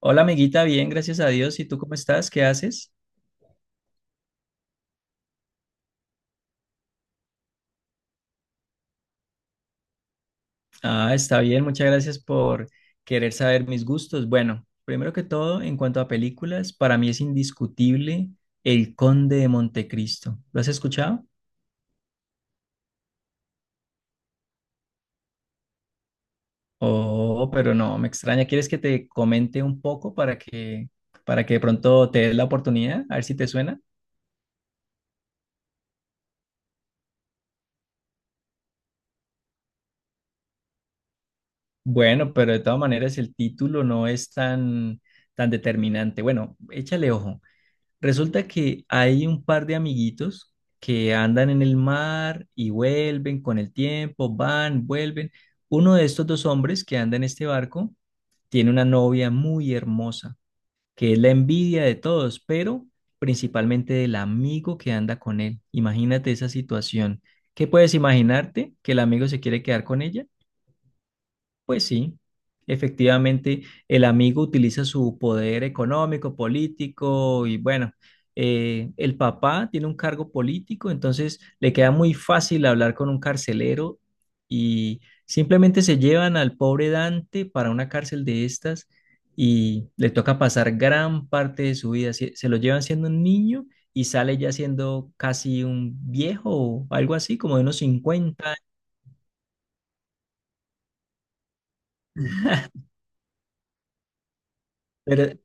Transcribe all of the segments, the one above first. Hola amiguita, bien, gracias a Dios. ¿Y tú cómo estás? ¿Qué haces? Ah, está bien, muchas gracias por querer saber mis gustos. Bueno, primero que todo, en cuanto a películas, para mí es indiscutible El Conde de Montecristo. ¿Lo has escuchado? Oh, pero no, me extraña. ¿Quieres que te comente un poco para que de pronto te des la oportunidad? A ver si te suena. Bueno, pero de todas maneras el título no es tan determinante. Bueno, échale ojo. Resulta que hay un par de amiguitos que andan en el mar y vuelven con el tiempo, van, vuelven. Uno de estos dos hombres que anda en este barco tiene una novia muy hermosa, que es la envidia de todos, pero principalmente del amigo que anda con él. Imagínate esa situación. ¿Qué puedes imaginarte? ¿Que el amigo se quiere quedar con ella? Pues sí, efectivamente, el amigo utiliza su poder económico, político y bueno, el papá tiene un cargo político, entonces le queda muy fácil hablar con un carcelero y simplemente se llevan al pobre Dante para una cárcel de estas y le toca pasar gran parte de su vida. Se lo llevan siendo un niño y sale ya siendo casi un viejo o algo así, como de unos 50. Pero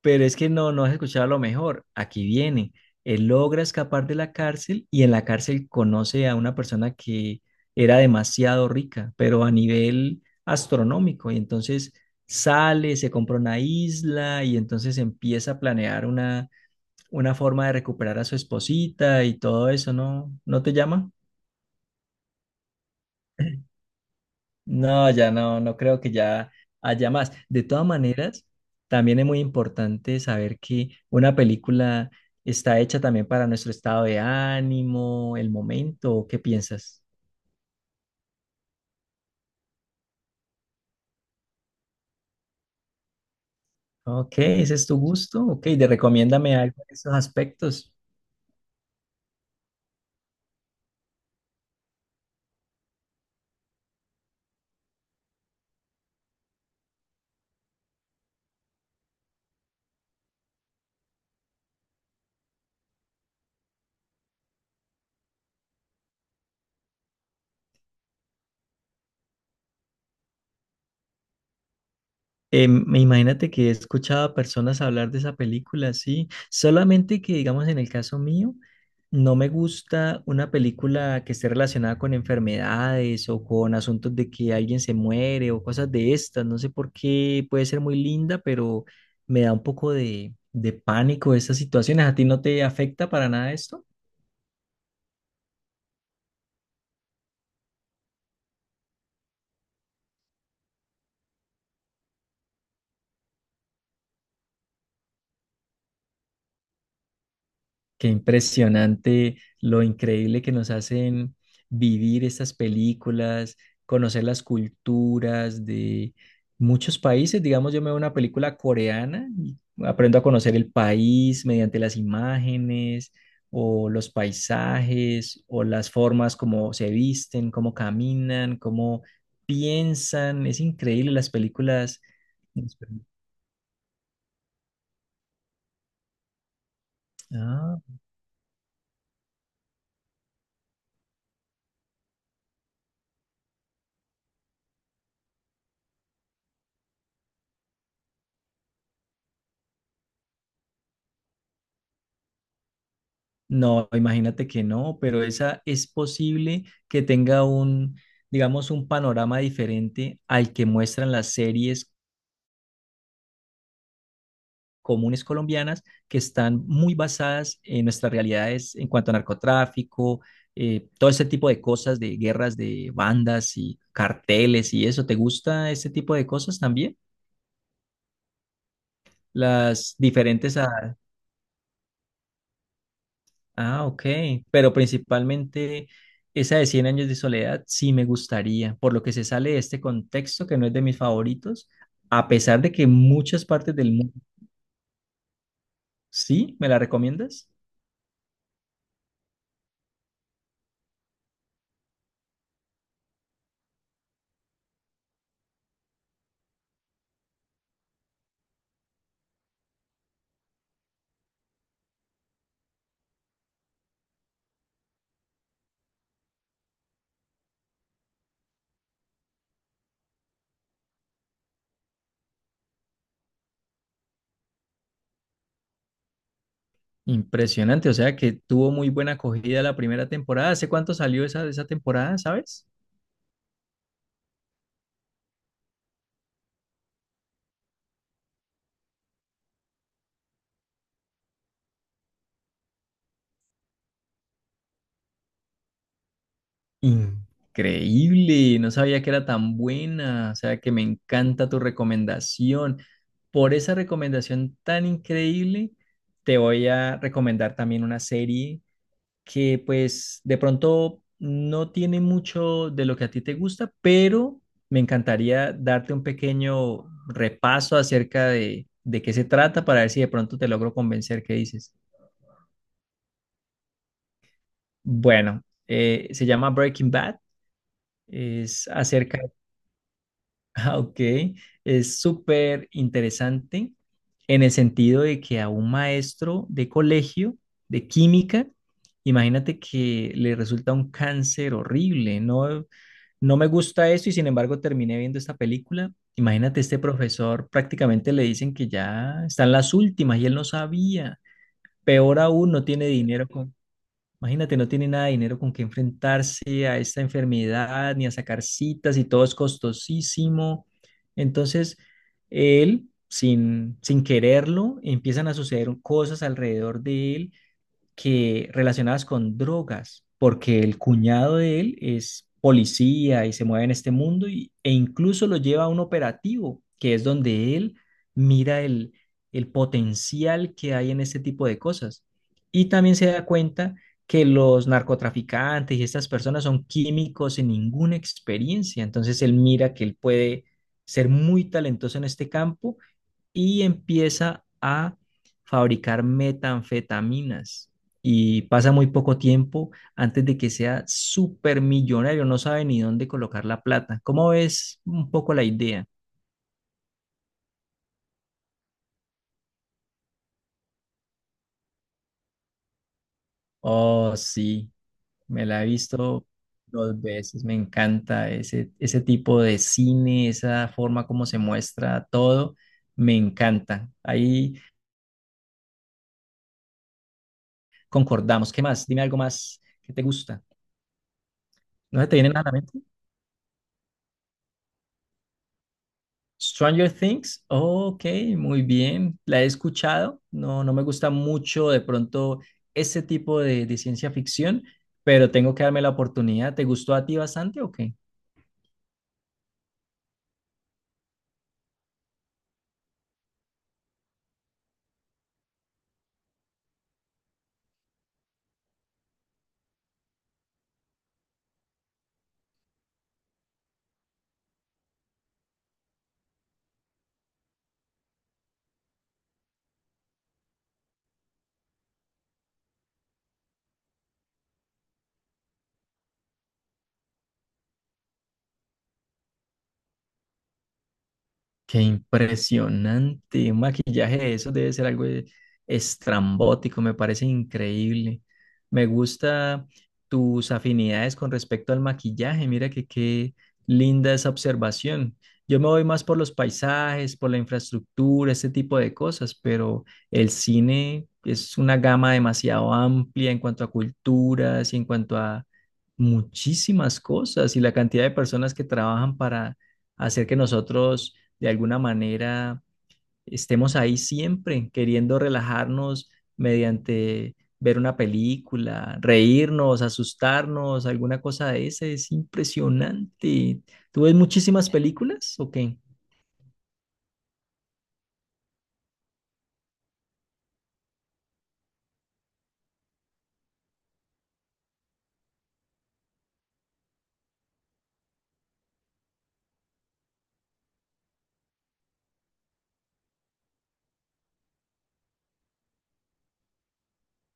Pero es que no has escuchado lo mejor. Aquí viene. Él logra escapar de la cárcel y en la cárcel conoce a una persona que era demasiado rica, pero a nivel astronómico. Y entonces sale, se compra una isla y entonces empieza a planear una forma de recuperar a su esposita y todo eso, ¿no? ¿No te llama? No, ya no creo que ya haya más. De todas maneras, también es muy importante saber que una película está hecha también para nuestro estado de ánimo, el momento, ¿o ¿qué piensas? Ok, ese es tu gusto, ok, de recomiéndame algo en esos aspectos. Imagínate que he escuchado a personas hablar de esa película, sí. Solamente que, digamos, en el caso mío, no me gusta una película que esté relacionada con enfermedades o con asuntos de que alguien se muere o cosas de estas. No sé por qué puede ser muy linda, pero me da un poco de pánico esas situaciones. ¿A ti no te afecta para nada esto? Qué impresionante lo increíble que nos hacen vivir estas películas, conocer las culturas de muchos países. Digamos, yo me veo una película coreana y aprendo a conocer el país mediante las imágenes o los paisajes o las formas como se visten, cómo caminan, cómo piensan. Es increíble las películas. Ah. No, imagínate que no, pero esa es posible que tenga un, digamos, un panorama diferente al que muestran las series comunes colombianas que están muy basadas en nuestras realidades en cuanto a narcotráfico, todo ese tipo de cosas de guerras de bandas y carteles y eso. ¿Te gusta ese tipo de cosas también? Las diferentes a... Ah, ok. Pero principalmente esa de 100 años de soledad sí me gustaría, por lo que se sale de este contexto que no es de mis favoritos, a pesar de que muchas partes del mundo... Sí, ¿me la recomiendas? Impresionante, o sea que tuvo muy buena acogida la primera temporada. ¿Hace cuánto salió esa temporada, sabes? Increíble, no sabía que era tan buena, o sea que me encanta tu recomendación. Por esa recomendación tan increíble, te voy a recomendar también una serie que pues de pronto no tiene mucho de lo que a ti te gusta, pero me encantaría darte un pequeño repaso acerca de qué se trata para ver si de pronto te logro convencer qué dices. Bueno, se llama Breaking Bad, es acerca... Ah, ok, es súper interesante en el sentido de que a un maestro de colegio de química, imagínate que le resulta un cáncer horrible, no, no me gusta eso y sin embargo terminé viendo esta película. Imagínate este profesor, prácticamente le dicen que ya están las últimas y él no sabía. Peor aún, no tiene dinero. Imagínate, no tiene nada de dinero con que enfrentarse a esta enfermedad, ni a sacar citas, y todo es costosísimo. Entonces, él, sin quererlo, empiezan a suceder cosas alrededor de él que relacionadas con drogas, porque el cuñado de él es policía y se mueve en este mundo y- e incluso lo lleva a un operativo, que es donde él mira el potencial que hay en este tipo de cosas. Y también se da cuenta que los narcotraficantes y estas personas son químicos sin ninguna experiencia, entonces él mira que él puede ser muy talentoso en este campo y empieza a fabricar metanfetaminas. Y pasa muy poco tiempo antes de que sea supermillonario, no sabe ni dónde colocar la plata. ¿Cómo ves un poco la idea? Oh, sí, me la he visto dos veces, me encanta ese tipo de cine, esa forma como se muestra todo, me encanta. Ahí concordamos. ¿Qué más? Dime algo más que te gusta. ¿No se te viene nada a la mente? Stranger Things, ok, muy bien, la he escuchado, no, no me gusta mucho de pronto ese tipo de ciencia ficción, pero tengo que darme la oportunidad. ¿Te gustó a ti bastante o qué? Qué impresionante. Un maquillaje de eso debe ser algo e- estrambótico, me parece increíble. Me gusta tus afinidades con respecto al maquillaje. Mira que qué linda esa observación. Yo me voy más por los paisajes, por la infraestructura, este tipo de cosas, pero el cine es una gama demasiado amplia en cuanto a culturas y en cuanto a muchísimas cosas y la cantidad de personas que trabajan para hacer que nosotros de alguna manera estemos ahí siempre, queriendo relajarnos mediante ver una película, reírnos, asustarnos, alguna cosa de esa. Es impresionante. ¿Tú ves muchísimas películas o qué?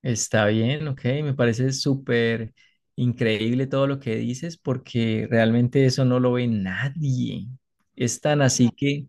Está bien, ok, me parece súper increíble todo lo que dices porque realmente eso no lo ve nadie. Es tan así que...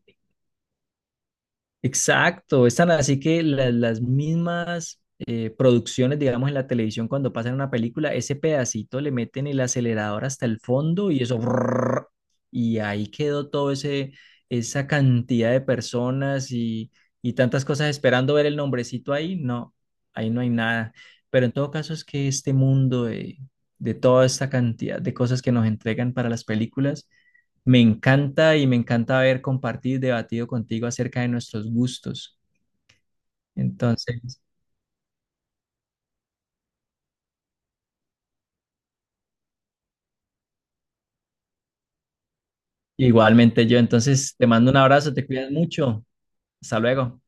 Exacto, están así que la- las mismas producciones, digamos, en la televisión, cuando pasan una película, ese pedacito le meten el acelerador hasta el fondo y eso, brrr, y ahí quedó todo ese, esa cantidad de personas y tantas cosas esperando ver el nombrecito ahí. No, ahí no hay nada. Pero en todo caso es que este mundo de toda esta cantidad de cosas que nos entregan para las películas me encanta y me encanta haber compartido y debatido contigo acerca de nuestros gustos. Entonces, igualmente yo, entonces te mando un abrazo, te cuidas mucho. Hasta luego.